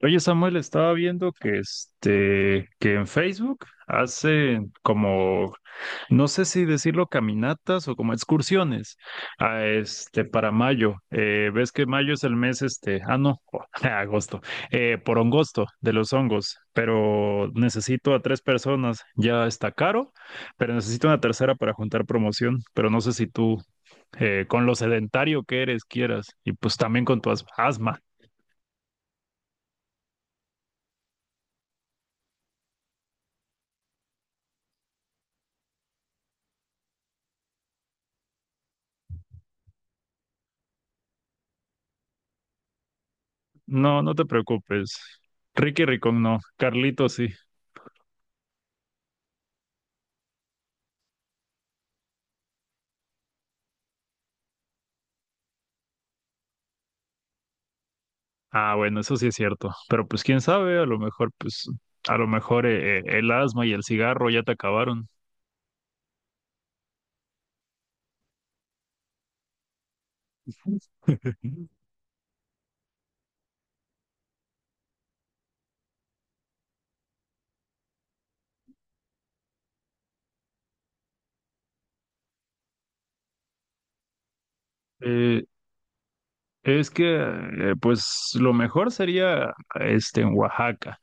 Oye, Samuel, estaba viendo que que en Facebook hacen como, no sé si decirlo caminatas o como excursiones, para mayo. Ves que mayo es el mes no, agosto, por hongosto de los hongos, pero necesito a tres personas. Ya está caro, pero necesito una tercera para juntar promoción, pero no sé si tú, con lo sedentario que eres, quieras, y pues también con tu asma. No, no te preocupes. Ricky Ricón no, Carlito sí. Ah, bueno, eso sí es cierto. Pero pues quién sabe, a lo mejor, pues, a lo mejor el asma y el cigarro ya te acabaron. Eh, es que, pues, lo mejor sería en Oaxaca,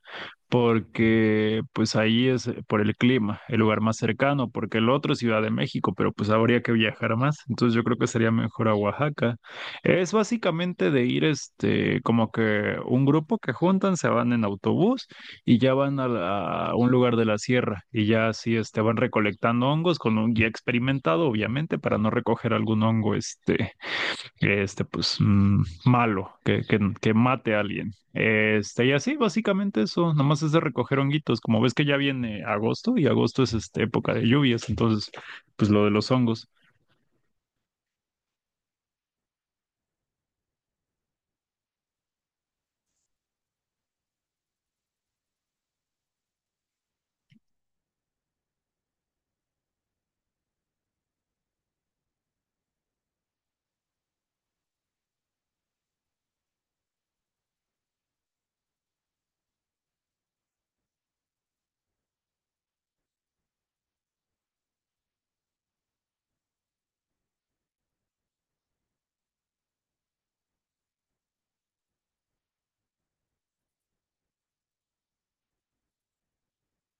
porque pues ahí es por el clima, el lugar más cercano, porque el otro es Ciudad de México, pero pues habría que viajar más, entonces yo creo que sería mejor a Oaxaca. Es básicamente de ir como que un grupo que juntan, se van en autobús y ya van a un lugar de la sierra, y ya así van recolectando hongos con un guía experimentado, obviamente, para no recoger algún hongo pues, malo, que mate a alguien. Y así, básicamente eso, nada más es de recoger honguitos, como ves que ya viene agosto, y agosto es época de lluvias, entonces, pues lo de los hongos.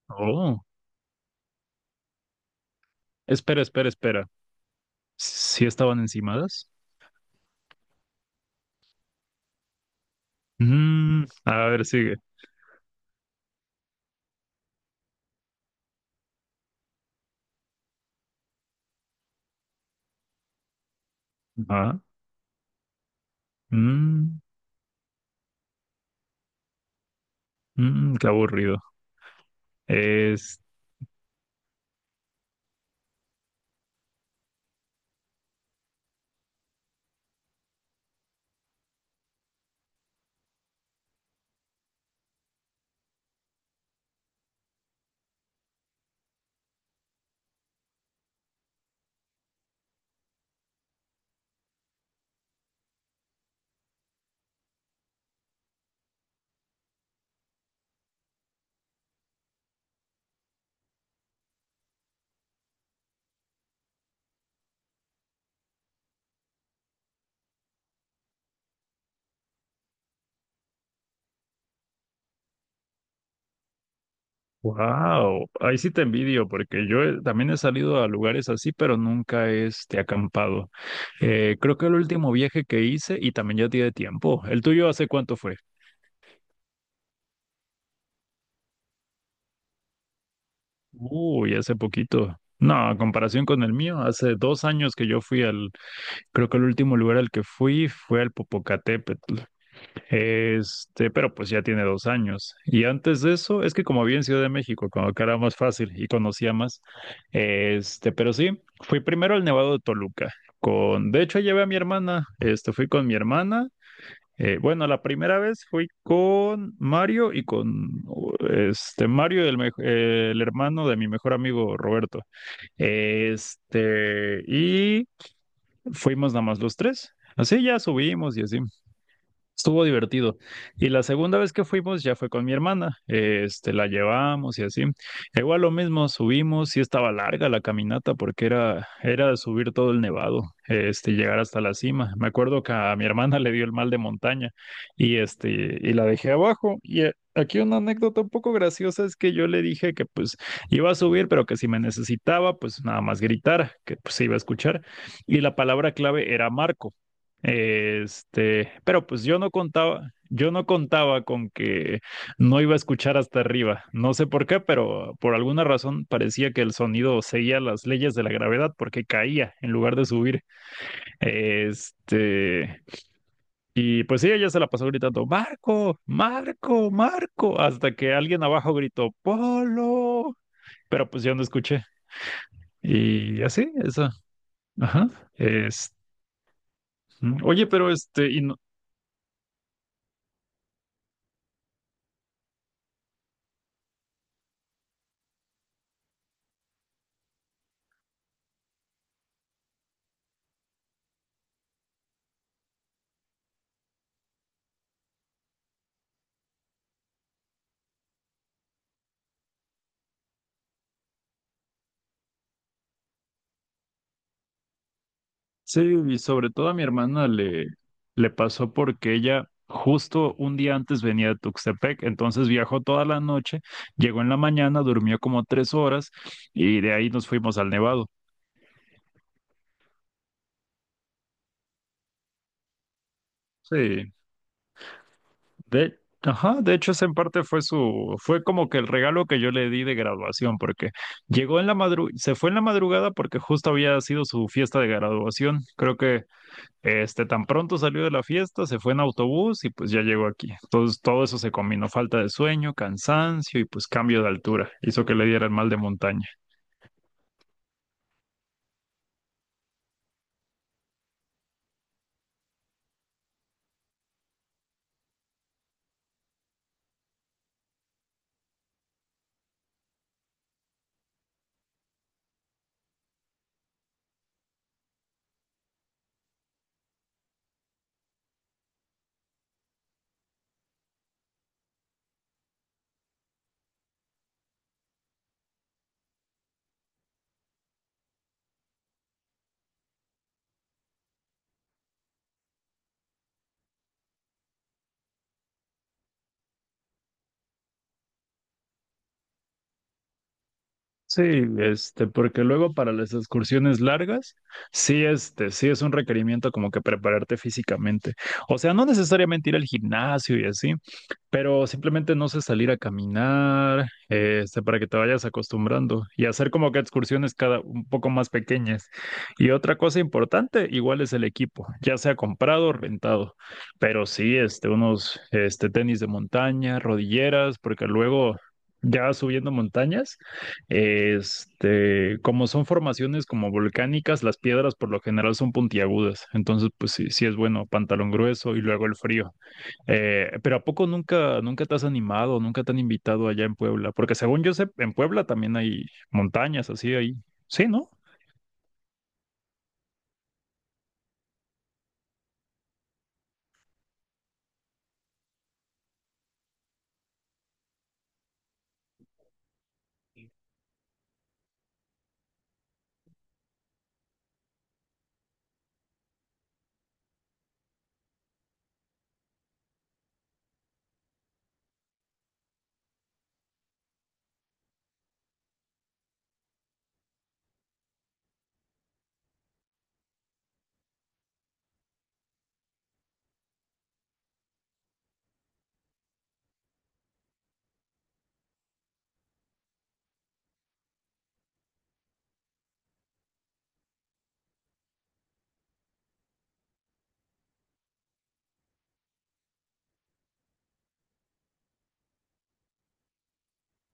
Oh, espera, espera, espera. ¿Sí estaban encimadas? Mm, a ver, sigue. Ah, mm, qué aburrido. Este Wow, ahí sí te envidio porque yo también he salido a lugares así, pero nunca he acampado. Creo que el último viaje que hice y también ya tiene tiempo. ¿El tuyo hace cuánto fue? Uy, hace poquito. No, a comparación con el mío, hace dos años que yo fui al, creo que el último lugar al que fui fue al Popocatépetl. Pero pues ya tiene dos años. Y antes de eso, es que como había en Ciudad de México, cuando acá era más fácil y conocía más. Pero sí, fui primero al Nevado de Toluca. Con, de hecho, llevé a mi hermana. Fui con mi hermana. Bueno, la primera vez fui con Mario y con Mario, el hermano de mi mejor amigo Roberto. Y fuimos nada más los tres. Así ya subimos y así. Estuvo divertido. Y la segunda vez que fuimos ya fue con mi hermana. La llevamos y así. Igual lo mismo, subimos, sí estaba larga la caminata porque era subir todo el nevado, llegar hasta la cima. Me acuerdo que a mi hermana le dio el mal de montaña, y la dejé abajo. Y aquí una anécdota un poco graciosa es que yo le dije que pues iba a subir, pero que si me necesitaba, pues nada más gritar, que pues se iba a escuchar. Y la palabra clave era Marco. Pero pues yo no contaba con que no iba a escuchar hasta arriba. No sé por qué, pero por alguna razón parecía que el sonido seguía las leyes de la gravedad porque caía en lugar de subir. Este, y pues sí, ella se la pasó gritando, Marco, Marco, Marco, hasta que alguien abajo gritó, Polo. Pero pues yo no escuché. Y así, eso. Ajá. Este. Oye, pero y sí, y sobre todo a mi hermana le pasó porque ella justo un día antes venía de Tuxtepec, entonces viajó toda la noche, llegó en la mañana, durmió como tres horas y de ahí nos fuimos al Nevado. Sí, ajá, de hecho ese en parte fue su, fue como que el regalo que yo le di de graduación, porque llegó en la madru, se fue en la madrugada porque justo había sido su fiesta de graduación, creo que tan pronto salió de la fiesta, se fue en autobús y pues ya llegó aquí. Entonces todo eso se combinó, falta de sueño, cansancio y pues cambio de altura, hizo que le diera el mal de montaña. Sí, porque luego para las excursiones largas, sí, sí es un requerimiento como que prepararte físicamente. O sea, no necesariamente ir al gimnasio y así, pero simplemente no sé, salir a caminar, para que te vayas acostumbrando y hacer como que excursiones cada un poco más pequeñas. Y otra cosa importante, igual es el equipo, ya sea comprado o rentado. Pero sí, unos tenis de montaña, rodilleras, porque luego ya subiendo montañas, como son formaciones como volcánicas, las piedras por lo general son puntiagudas. Entonces, pues sí, sí es bueno, pantalón grueso y luego el frío. Pero ¿a poco nunca, nunca te has animado, nunca te han invitado allá en Puebla? Porque según yo sé, en Puebla también hay montañas así ahí. Sí, ¿no?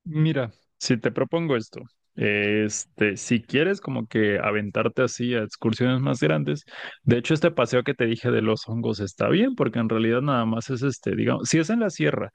Mira, si te propongo esto, si quieres como que aventarte así a excursiones más grandes, de hecho este paseo que te dije de los hongos está bien, porque en realidad nada más es digamos, si es en la sierra,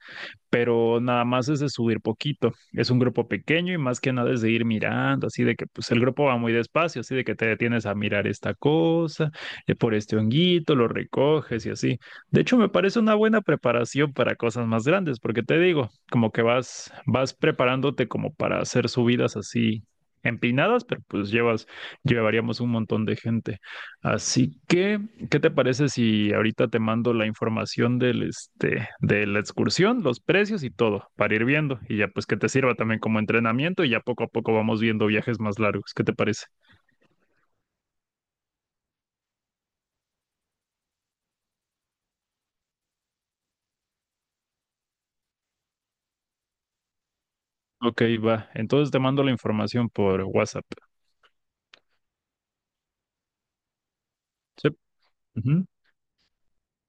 pero nada más es de subir poquito. Es un grupo pequeño y más que nada es de ir mirando, así de que pues el grupo va muy despacio, así de que te detienes a mirar esta cosa, por este honguito, lo recoges y así. De hecho, me parece una buena preparación para cosas más grandes, porque te digo, como que vas preparándote como para hacer subidas así empinadas, pero pues llevaríamos un montón de gente. Así que ¿qué te parece si ahorita te mando la información de la excursión, los precios y todo, para ir viendo? Y ya pues que te sirva también como entrenamiento y ya poco a poco vamos viendo viajes más largos. ¿Qué te parece? Ok, va. Entonces te mando la información por WhatsApp. Sí. Ujú.